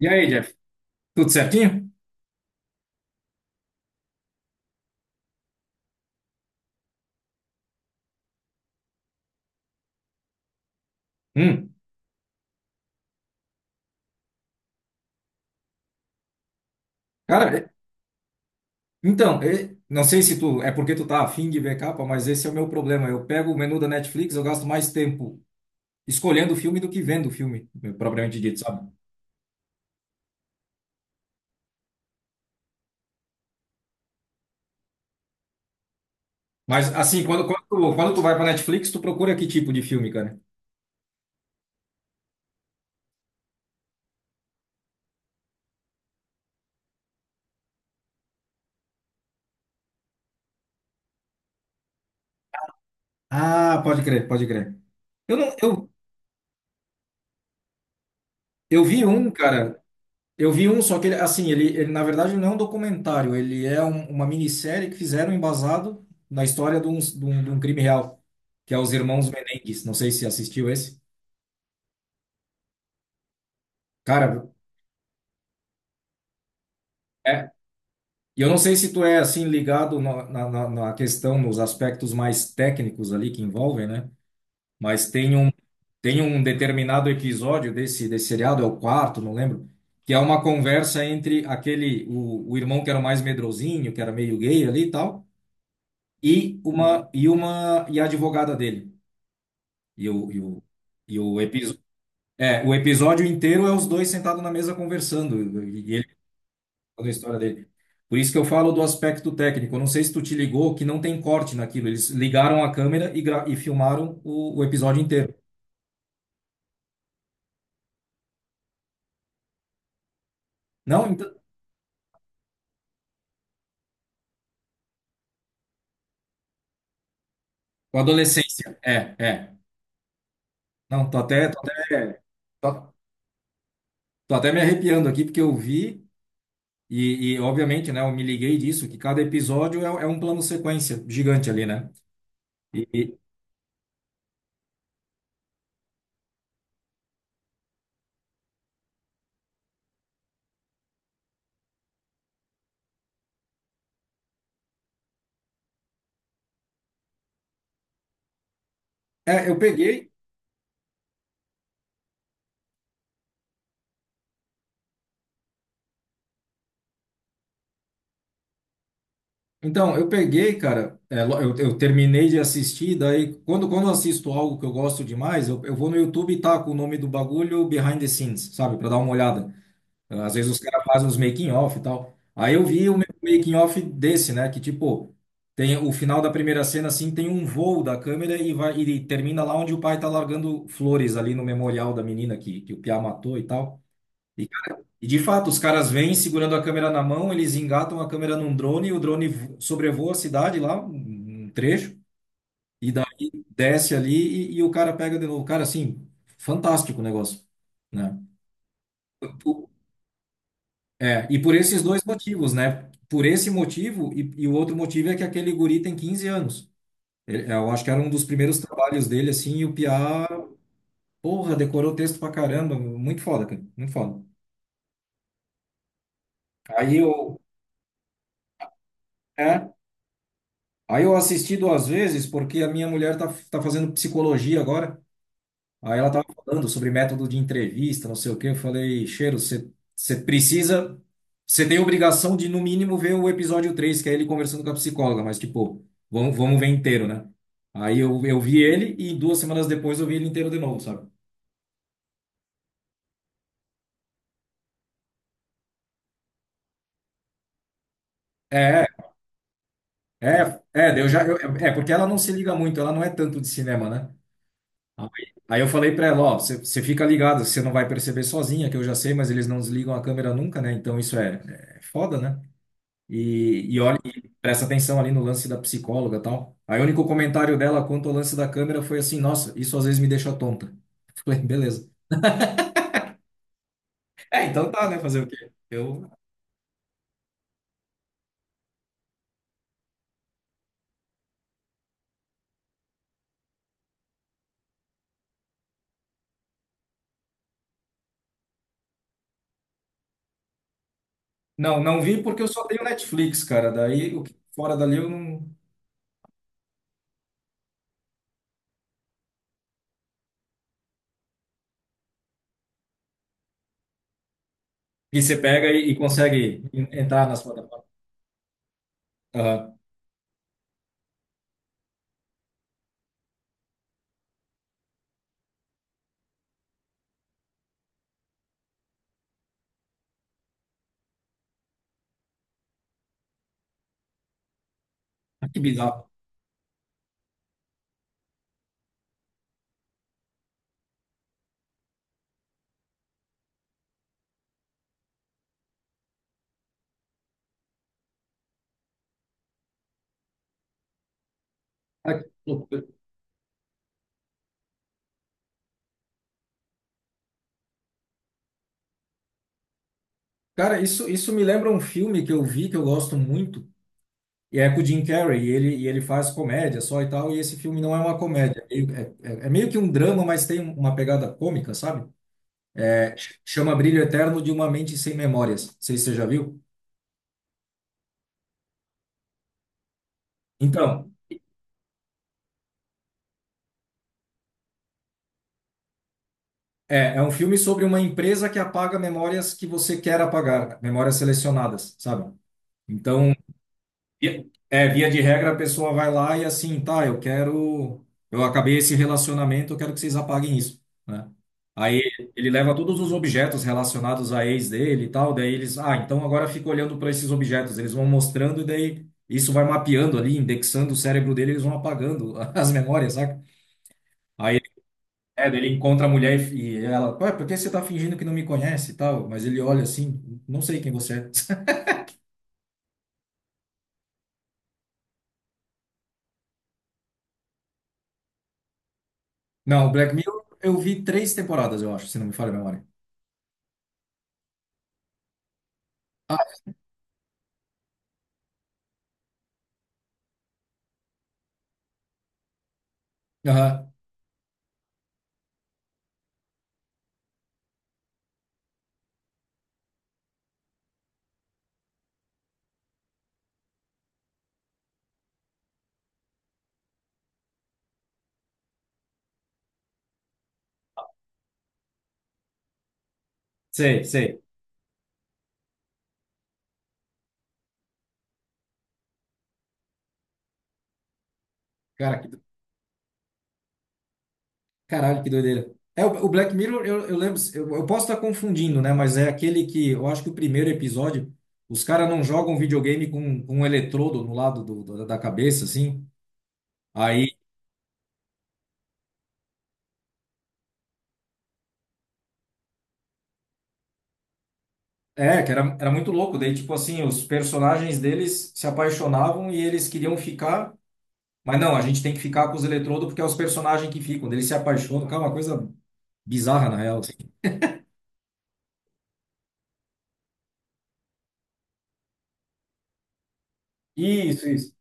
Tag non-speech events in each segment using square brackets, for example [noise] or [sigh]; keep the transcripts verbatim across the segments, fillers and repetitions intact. E aí, Jeff? Tudo certinho? Hum. Cara, é- então, é- Não sei se tu é porque tu tá afim de ver capa, mas esse é o meu problema. Eu pego o menu da Netflix, eu gasto mais tempo escolhendo o filme do que vendo o filme, propriamente dito, sabe? Mas assim, quando, quando, tu, quando tu vai pra Netflix, tu procura que tipo de filme, cara? Ah, pode crer, pode crer. Eu não, eu, eu vi um, cara. Eu vi um, só que ele, assim, ele, ele na verdade ele não é um documentário, ele é um- uma minissérie que fizeram embasado na história de um, de um, de um crime real, que é Os Irmãos Menengues. Não sei se assistiu esse. Cara, é. E eu não sei se tu é assim ligado na, na, na na questão, nos aspectos mais técnicos ali que envolvem, né? Mas tem um, tem um determinado episódio desse, desse seriado, é o quarto, não lembro, que é uma conversa entre aquele, o, o irmão que era o mais medrosinho, que era meio gay ali e tal. E uma e uma e a advogada dele. E o, e o, e o, episo- é, o episódio inteiro é os dois sentados na mesa conversando e ele contando a história dele. Por isso que eu falo do aspecto técnico. Eu não sei se tu te ligou que não tem corte naquilo. Eles ligaram a câmera e, gra- e filmaram o, o episódio inteiro. Não, então, com a adolescência. É, é. Não, tô até, tô até, tô, tô até me arrepiando aqui porque eu vi e, e obviamente, né, eu me liguei disso, que cada episódio é, é um plano sequência gigante ali, né? E, é, eu peguei. Então, eu peguei, cara. é, lo- eu, eu terminei de assistir. Daí, quando, quando eu assisto algo que eu gosto demais, eu, eu vou no YouTube e taco o nome do bagulho behind the scenes, sabe? Pra dar uma olhada. Ah, às vezes os caras fazem uns making-off e tal. Aí eu vi o making-off desse, né? Que tipo, tem o final da primeira cena, assim, tem um voo da câmera e vai e termina lá onde o pai tá largando flores ali no memorial da menina que, que o Piá matou e tal. E de fato, os caras vêm segurando a câmera na mão, eles engatam a câmera num drone, e o drone vo- sobrevoa a cidade lá, um um trecho, e daí desce ali e, e o cara pega de novo. Cara, assim, fantástico o negócio, né? O- É, e por esses dois motivos, né? Por esse motivo, e, e o outro motivo é que aquele guri tem quinze anos. Ele- Eu acho que era um dos primeiros trabalhos dele, assim, e o Piá, porra, decorou o texto pra caramba, muito foda, cara, muito foda. Aí eu. é, Aí eu assisti duas vezes porque a minha mulher tá, tá fazendo psicologia agora. Aí ela tava falando sobre método de entrevista, não sei o quê. Eu falei, Cheiro, você você precisa. Você tem obrigação de, no mínimo, ver o episódio três, que é ele conversando com a psicóloga, mas, tipo, vamos, vamos ver inteiro, né? Aí eu, eu vi ele e duas semanas depois eu vi ele inteiro de novo, sabe? É, é, é, eu já, eu- é, porque ela não se liga muito, ela não é tanto de cinema, né? Aí aí eu falei pra ela, ó, você você fica ligado, você não vai perceber sozinha, que eu já sei, mas eles não desligam a câmera nunca, né? Então isso é, é foda, né? E, e olha, e presta atenção ali no lance da psicóloga e tal. Aí o único comentário dela quanto ao lance da câmera foi assim, nossa, isso às vezes me deixa tonta. [laughs] Falei, beleza. É, então tá, né? Fazer o quê? Eu não, não vi porque eu só tenho Netflix, cara. Daí o que fora dali eu não. E você pega e, e consegue en- entrar nas plataformas. Aham. Ah, que bizarro. Ah, que loucura. Cara, isso, isso me lembra um filme que eu vi que eu gosto muito, e é com o Jim Carrey, e ele, e ele faz comédia só e tal, e esse filme não é uma comédia, é, meio é- é- é meio que um drama, mas tem uma pegada cômica, sabe? É, ch- chama Brilho Eterno de Uma Mente Sem Memórias, não sei se você já viu. Então, é, é um filme sobre uma empresa que apaga memórias que você quer apagar, memórias selecionadas, sabe? Então, Via- É, via de regra, a pessoa vai lá e assim, tá, eu quero, eu acabei esse relacionamento, eu quero que vocês apaguem isso, né? Aí ele leva todos os objetos relacionados à ex dele e tal, daí eles, ah, então agora fica olhando para esses objetos, eles vão mostrando e daí isso vai mapeando ali, indexando o cérebro dele, eles vão apagando [laughs] as memórias, saca? Aí é, daí ele encontra a mulher e, e ela, ué, por que você tá fingindo que não me conhece e tal? Mas ele olha assim, não sei quem você é. [laughs] Não, Black Mirror, eu vi três temporadas, eu acho, se não me falha a memória. Aham, sei, sei. Cara, que do- caralho, que doideira. É, o, o Black Mirror, eu, eu lembro, eu, eu posso estar confundindo, né? Mas é aquele que, eu acho que o primeiro episódio, os caras não jogam um videogame com, com um eletrodo no lado do- do- da cabeça, assim. Aí, é, que era, era muito louco. Daí, tipo assim, os personagens deles se apaixonavam e eles queriam ficar, mas não, a gente tem que ficar com os eletrodos porque é os personagens que ficam. Daí eles se apaixonam, cara, é uma coisa bizarra, na real. Assim. Isso, isso.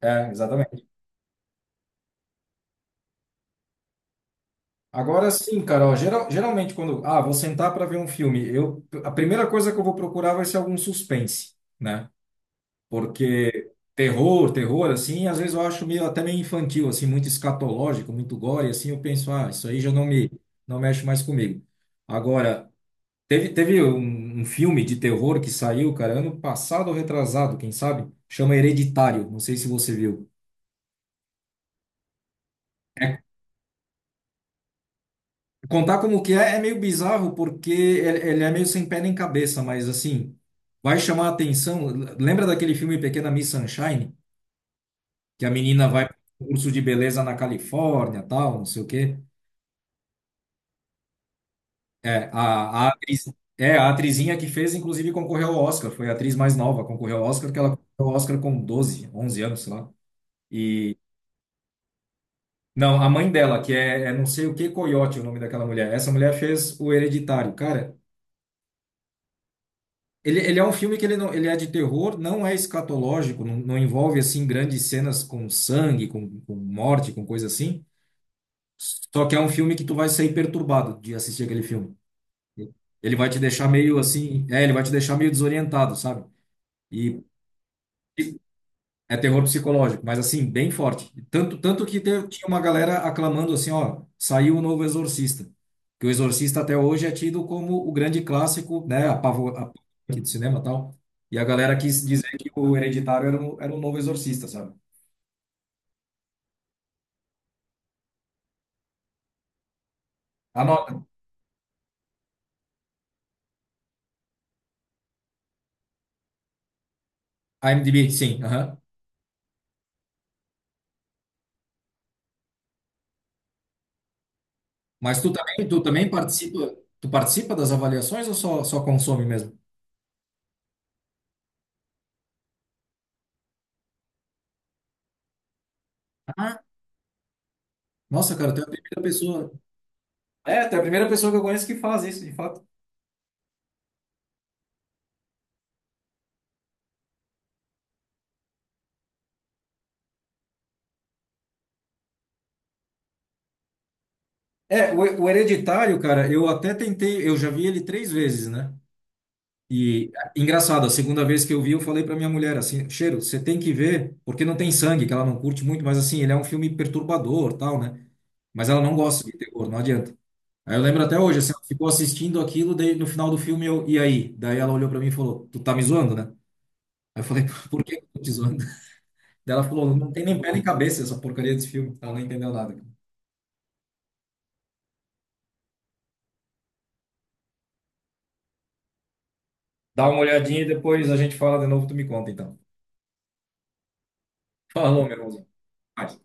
É, exatamente. Agora sim, Carol. Geral, geralmente, quando. Ah, vou sentar para ver um filme. Eu, a primeira coisa que eu vou procurar vai ser algum suspense, né? Porque terror, terror, assim, às vezes eu acho meio, até meio infantil, assim, muito escatológico, muito gore, assim. Eu penso, ah, isso aí já não me, não mexe mais comigo. Agora, teve, teve um, um filme de terror que saiu, cara, ano passado ou retrasado, quem sabe? Chama Hereditário. Não sei se você viu. Contar como que é é meio bizarro porque ele, ele é meio sem pé nem cabeça, mas assim, vai chamar a atenção. Lembra daquele filme Pequena Miss Sunshine? Que a menina vai para um curso de beleza na Califórnia, tal, não sei o quê. É, a, a atriz, é, a atrizinha que fez, inclusive, concorreu ao Oscar. Foi a atriz mais nova, concorreu ao Oscar, que ela concorreu ao Oscar com doze, onze anos, sei lá. E, não, a mãe dela, que é, é não sei o que, Coyote, o nome daquela mulher. Essa mulher fez o Hereditário. Cara, Ele, ele é um filme que ele, não, ele é de terror, não é escatológico, não, não envolve assim grandes cenas com sangue, com, com morte, com coisa assim. Só que é um filme que tu vai sair perturbado de assistir aquele filme. Ele vai te deixar meio assim, é, ele vai te deixar meio desorientado, sabe? E é terror psicológico, mas assim, bem forte. Tanto, tanto que teve- tinha uma galera aclamando assim, ó, saiu o novo Exorcista. Que o Exorcista até hoje é tido como o grande clássico, né, apavor, apavor do cinema e tal. E a galera quis dizer que o Hereditário era um, era um novo Exorcista, sabe? Anota, IMDb, sim, aham. Mas tu também, tu também participa, tu participa das avaliações ou só, só consome mesmo? Ah, nossa, cara, tu é a primeira pessoa. É, tu é a primeira pessoa que eu conheço que faz isso, de fato. É, o, o Hereditário, cara, eu até tentei, eu já vi ele três vezes, né? E engraçado, a segunda vez que eu vi, eu falei pra minha mulher assim, Cheiro, você tem que ver, porque não tem sangue, que ela não curte muito, mas assim, ele é um filme perturbador, tal, né? Mas ela não gosta de terror, não adianta. Aí eu lembro até hoje, assim, ela ficou assistindo aquilo, daí no final do filme eu, e aí? Daí ela olhou pra mim e falou, tu tá me zoando, né? Aí eu falei, [laughs] por que eu tô te zoando? Daí ela falou, não tem nem pé nem cabeça essa porcaria desse filme, ela não entendeu nada. Dá uma olhadinha e depois a gente fala de novo, tu me conta então. Falou, meu irmão. Pode.